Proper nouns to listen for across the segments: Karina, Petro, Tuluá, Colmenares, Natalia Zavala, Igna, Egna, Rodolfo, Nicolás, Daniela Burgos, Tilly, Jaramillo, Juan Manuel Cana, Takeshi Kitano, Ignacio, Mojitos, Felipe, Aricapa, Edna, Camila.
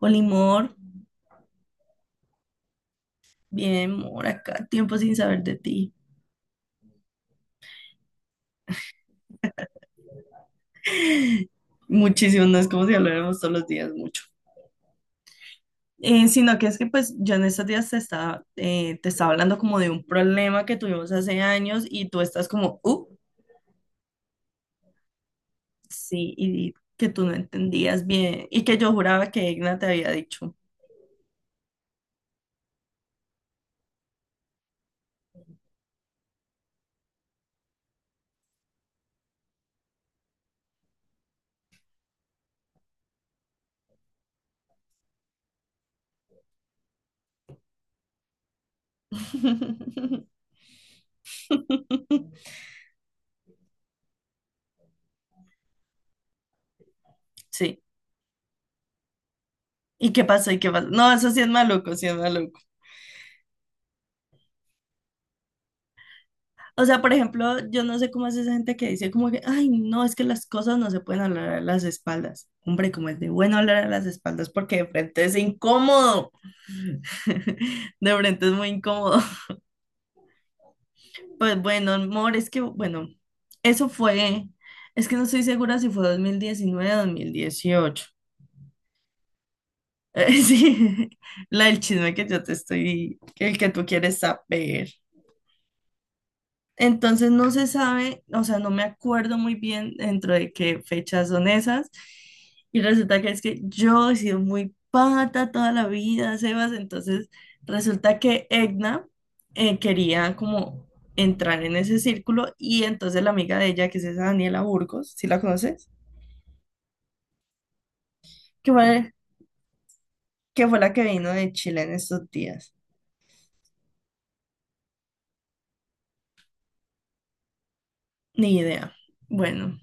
Olimor, bien, Mor, acá, tiempo sin saber de ti. Muchísimo, no es como si habláramos todos los días mucho. Sino que es que pues yo en estos días te estaba hablando como de un problema que tuvimos hace años y tú estás como, sí, y que tú no entendías bien y que yo juraba que Igna te había dicho. Sí. ¿Y qué pasó? ¿Y qué pasó? No, eso sí es maluco, sí es maluco. O sea, por ejemplo, yo no sé cómo es esa gente que dice como que, ay, no, es que las cosas no se pueden hablar a las espaldas. Hombre, como es de bueno hablar a las espaldas porque de frente es incómodo. De frente es muy incómodo. Pues bueno, amor, es que, bueno, eso fue, es que no estoy segura si fue 2019 o 2018. Sí, la del chisme que yo te estoy, el que tú quieres saber. Entonces no se sabe, o sea, no me acuerdo muy bien dentro de qué fechas son esas. Y resulta que es que yo he sido muy pata toda la vida, Sebas. Entonces resulta que Egna quería como entrar en ese círculo y entonces la amiga de ella, que es esa Daniela Burgos, ¿si la conoces? Que fue, que fue la que vino de Chile en estos días. Ni idea. Bueno,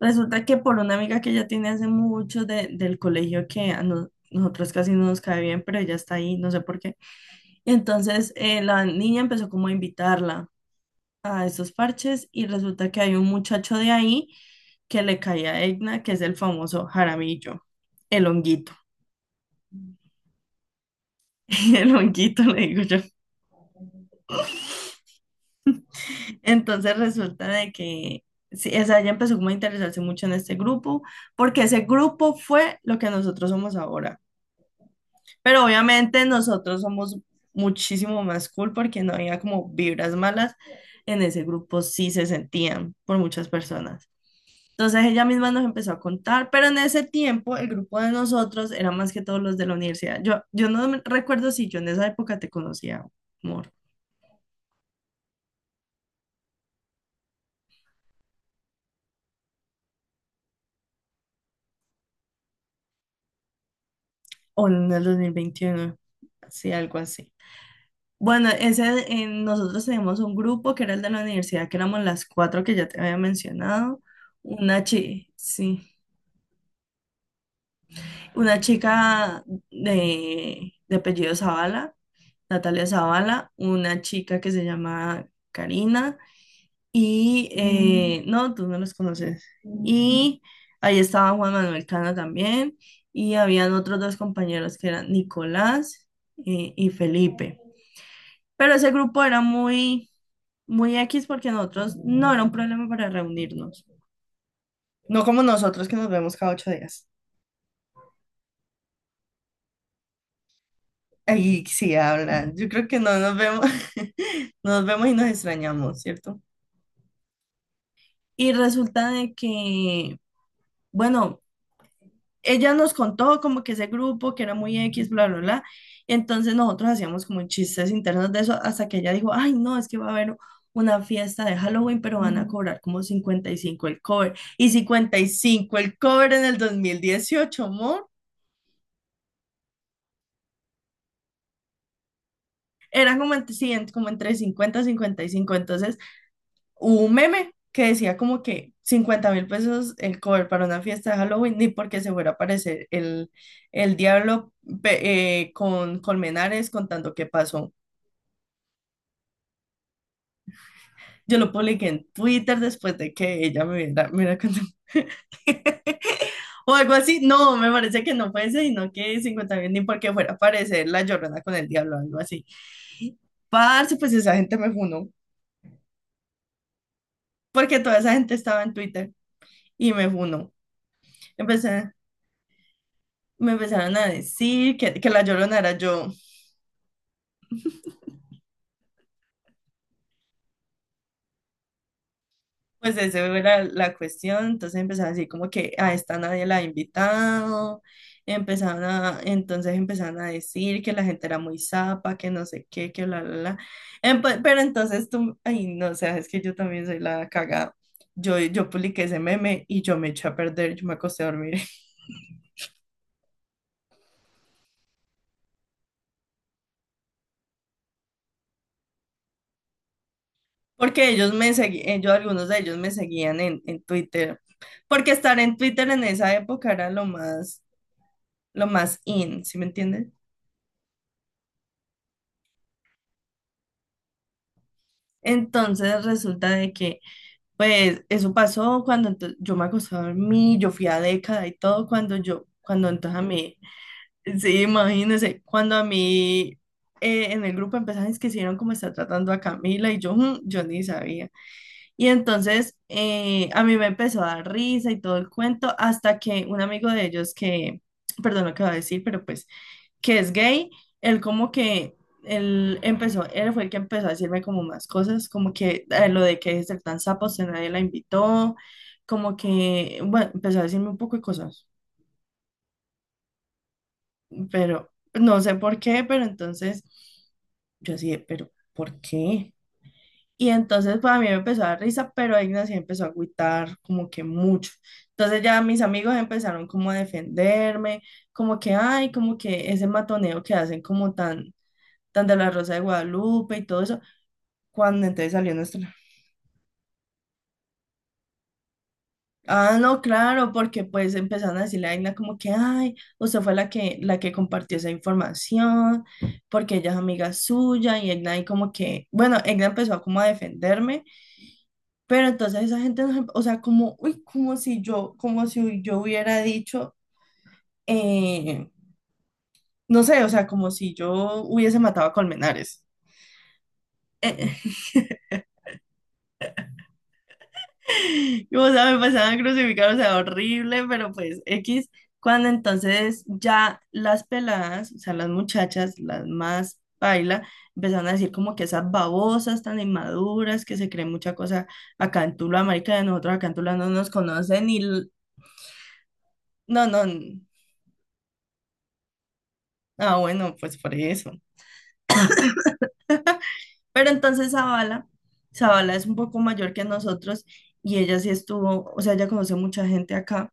resulta que por una amiga que ella tiene hace mucho del colegio que a no- nosotros casi no nos cae bien, pero ella está ahí, no sé por qué. Y entonces la niña empezó como a invitarla a esos parches y resulta que hay un muchacho de ahí que le cae a Egna, que es el famoso Jaramillo, el honguito. El honguito, le digo yo. Entonces resulta de que, sí, o sea, ella empezó como a interesarse mucho en este grupo, porque ese grupo fue lo que nosotros somos ahora. Pero obviamente nosotros somos muchísimo más cool porque no había como vibras malas. En ese grupo sí se sentían por muchas personas. Entonces ella misma nos empezó a contar, pero en ese tiempo el grupo de nosotros era más que todos los de la universidad. Yo recuerdo si yo en esa época te conocía, amor, o en el 2021 sí, algo así. Bueno, ese, nosotros teníamos un grupo que era el de la universidad, que éramos las cuatro que ya te había mencionado. Sí, una chica de apellido Zavala, Natalia Zavala, una chica que se llama Karina y no, tú no los conoces. Y ahí estaba Juan Manuel Cana también y habían otros dos compañeros que eran Nicolás y Felipe. Pero ese grupo era muy, muy X porque nosotros no era un problema para reunirnos. No como nosotros que nos vemos cada 8 días. Ahí sí hablan. Yo creo que no nos vemos. Nos vemos y nos extrañamos, ¿cierto? Y resulta de que, bueno, ella nos contó como que ese grupo que era muy X, bla, bla, bla. Entonces nosotros hacíamos como chistes internos de eso hasta que ella dijo, ay, no, es que va a haber una fiesta de Halloween, pero van a cobrar como 55 el cover. Y cincuenta y cinco el cover en el 2018, amor. Era como entre, sí, como entre 50 y 55. Entonces hubo un meme que decía como que 50.000 pesos el cover para una fiesta de Halloween, ni porque se fuera a aparecer el diablo con Colmenares contando qué pasó. Yo lo publiqué en Twitter después de que ella me hubiera contado. O algo así. No, me parece que no fue ese, sino que 50.000, ni porque fuera a aparecer la Llorona con el diablo, algo así. Parce, pues esa gente me funó, porque toda esa gente estaba en Twitter y me funó. Empecé, me empezaron a decir que la Llorona era yo. Pues esa era la cuestión, entonces empezaron a decir como que a esta nadie la ha invitado, empezaron a, entonces empezaron a decir que la gente era muy zapa, que no sé qué, que bla, bla, bla. Pero entonces tú, ay, no, o sea, es que yo también soy la cagada. Yo publiqué ese meme y yo me eché a perder, yo me acosté a dormir. Porque ellos me seguían, yo, algunos de ellos me seguían en Twitter. Porque estar en Twitter en esa época era lo más in, ¿sí me entiendes? Entonces resulta de que, pues, eso pasó cuando yo me acosté a dormir, yo fui a década y todo, cuando yo, cuando entonces a mí, sí, imagínense, cuando a mí en el grupo empezaron, es que hicieron como está tratando a Camila y yo, "Mm", yo ni sabía. Y entonces a mí me empezó a dar risa y todo el cuento, hasta que un amigo de ellos que, perdón lo que voy a decir, pero pues que es gay, él como que, él empezó, él fue el que empezó a decirme como más cosas, como que lo de que deje de ser tan sapo, que nadie la invitó, como que, bueno, empezó a decirme un poco de cosas, pero no sé por qué, pero entonces yo así, de, pero ¿por qué? Y entonces pues a mí me empezó a dar risa, pero Ignacio empezó a agüitar como que mucho. Entonces ya mis amigos empezaron como a defenderme, como que, ay, como que ese matoneo que hacen como tan tan de la Rosa de Guadalupe y todo eso, cuando entonces salió nuestra... Ah, no, claro, porque pues empezaron a decirle a Aina como que, ay, usted fue la que compartió esa información, porque ella es amiga suya, y Aina ahí como que, bueno, Aina empezó como a defenderme, pero entonces esa gente, o sea, como, uy, como si yo hubiera dicho, eh, no sé, o sea, como si yo hubiese matado a Colmenares. Y, o sea, me pasaban crucificados, o sea, horrible, pero pues X, cuando entonces ya las peladas, o sea, las muchachas, las más paila, empezaron a decir como que esas babosas tan inmaduras, que se creen mucha cosa acá en Tula, marica, de nosotros acá en Tula no nos conocen y no, no, ah, bueno, pues por eso. Pero entonces Zavala es un poco mayor que nosotros y ella sí estuvo, o sea, ella conoce mucha gente acá.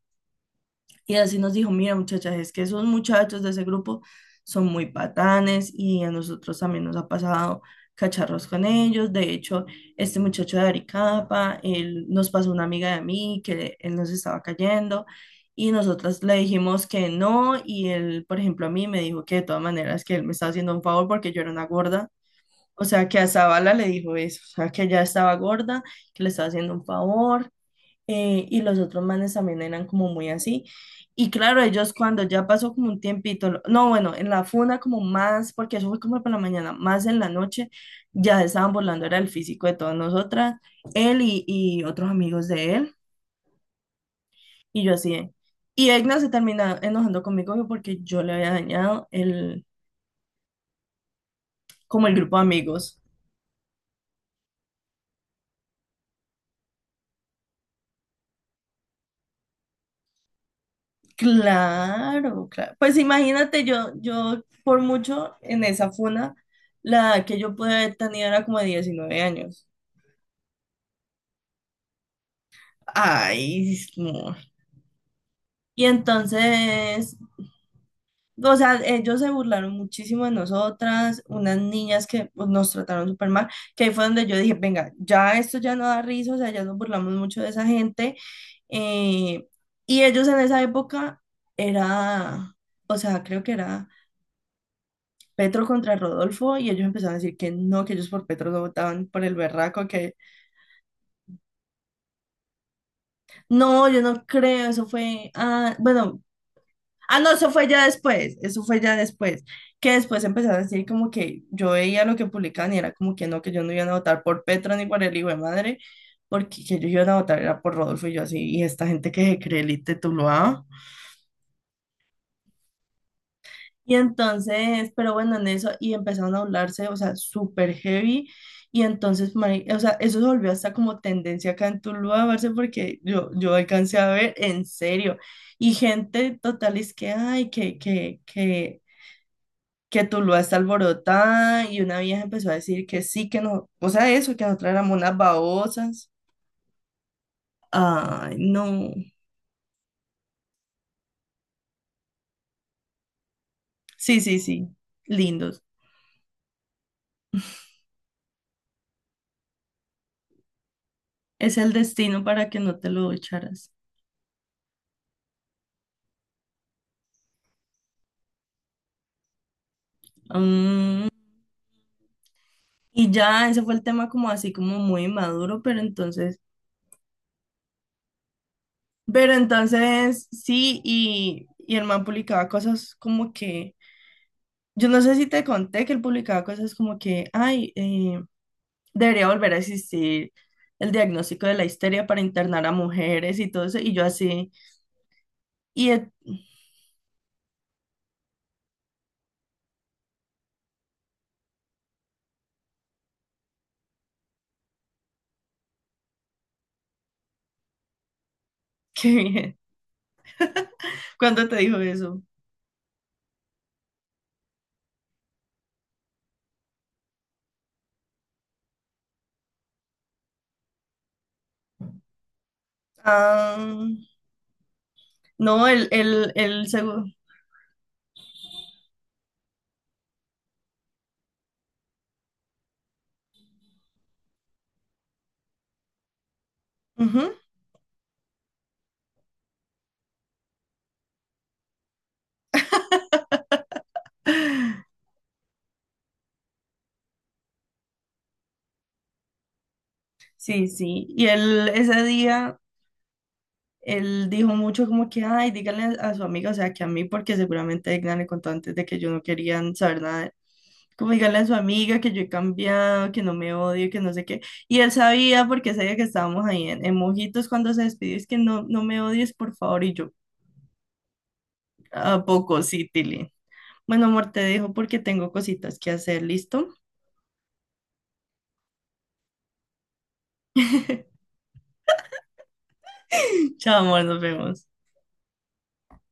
Y así nos dijo, mira muchachas, es que esos muchachos de ese grupo son muy patanes y a nosotros también nos ha pasado cacharros con ellos. De hecho, este muchacho de Aricapa, él nos pasó una amiga de mí que él nos estaba cayendo y nosotras le dijimos que no y él, por ejemplo, a mí me dijo que de todas maneras que él me estaba haciendo un favor porque yo era una gorda. O sea, que a Zavala le dijo eso, o sea, que ella estaba gorda, que le estaba haciendo un favor, y los otros manes también eran como muy así. Y claro, ellos cuando ya pasó como un tiempito, no, bueno, en la funa como más, porque eso fue como para la mañana, más en la noche, ya se estaban burlando, era el físico de todas nosotras, él y otros amigos de él, y yo así. Y Egna se termina enojando conmigo porque yo le había dañado el, como el grupo de amigos. Claro, claro. Pues imagínate, yo por mucho en esa funa, la que yo pude haber tenido era como de 19 años. Ay, no. Y entonces, o sea, ellos se burlaron muchísimo de nosotras, unas niñas que pues, nos trataron súper mal, que ahí fue donde yo dije, venga, ya esto ya no da risa, o sea, ya nos burlamos mucho de esa gente. Eh, y ellos en esa época era, o sea, creo que era Petro contra Rodolfo y ellos empezaron a decir que no, que ellos por Petro no votaban por el berraco, que no, yo no creo, eso fue, ah, bueno, ah, no, eso fue ya después, que después empezaron a decir como que yo veía lo que publicaban y era como que no, que yo no iban a votar por Petro ni por el hijo de madre, porque que ellos iban a votar era por Rodolfo y yo así, y esta gente que se cree elite, tú lo. Y entonces, pero bueno, en eso, y empezaron a hablarse, o sea, súper heavy. Y entonces, o sea, eso se volvió hasta como tendencia acá en Tuluá, parce, porque yo alcancé a ver, en serio. Y gente total es que, ay, que Tuluá está alborotada. Y una vieja empezó a decir que sí, que no, o sea, eso, que nosotras éramos unas babosas. Ay, no. Sí, sí, sí, lindos. Es el destino para que no te lo echaras. Mm. Y ya, ese fue el tema como así como muy maduro, pero entonces, pero entonces sí, y el man publicaba cosas como que, yo no sé si te conté que él publicaba cosas como que, ay, debería volver a existir el diagnóstico de la histeria para internar a mujeres y todo eso, y yo así, y eh, Qué bien, ¿cuándo te dijo eso? Ah, no, el seguro. Ujú, sí, sí. Y él ese día él dijo mucho como que, ay, díganle a su amiga, o sea, que a mí, porque seguramente Edna le contó antes de que yo no querían saber nada. Como díganle a su amiga que yo he cambiado, que no me odio, que no sé qué. Y él sabía, porque sabía que estábamos ahí en Mojitos cuando se despidió, es que no, no me odies, por favor. Y yo, ¿a poco sí, Tilly? Bueno, amor, te dejo porque tengo cositas que hacer, ¿listo? Chao, amor, nos vemos.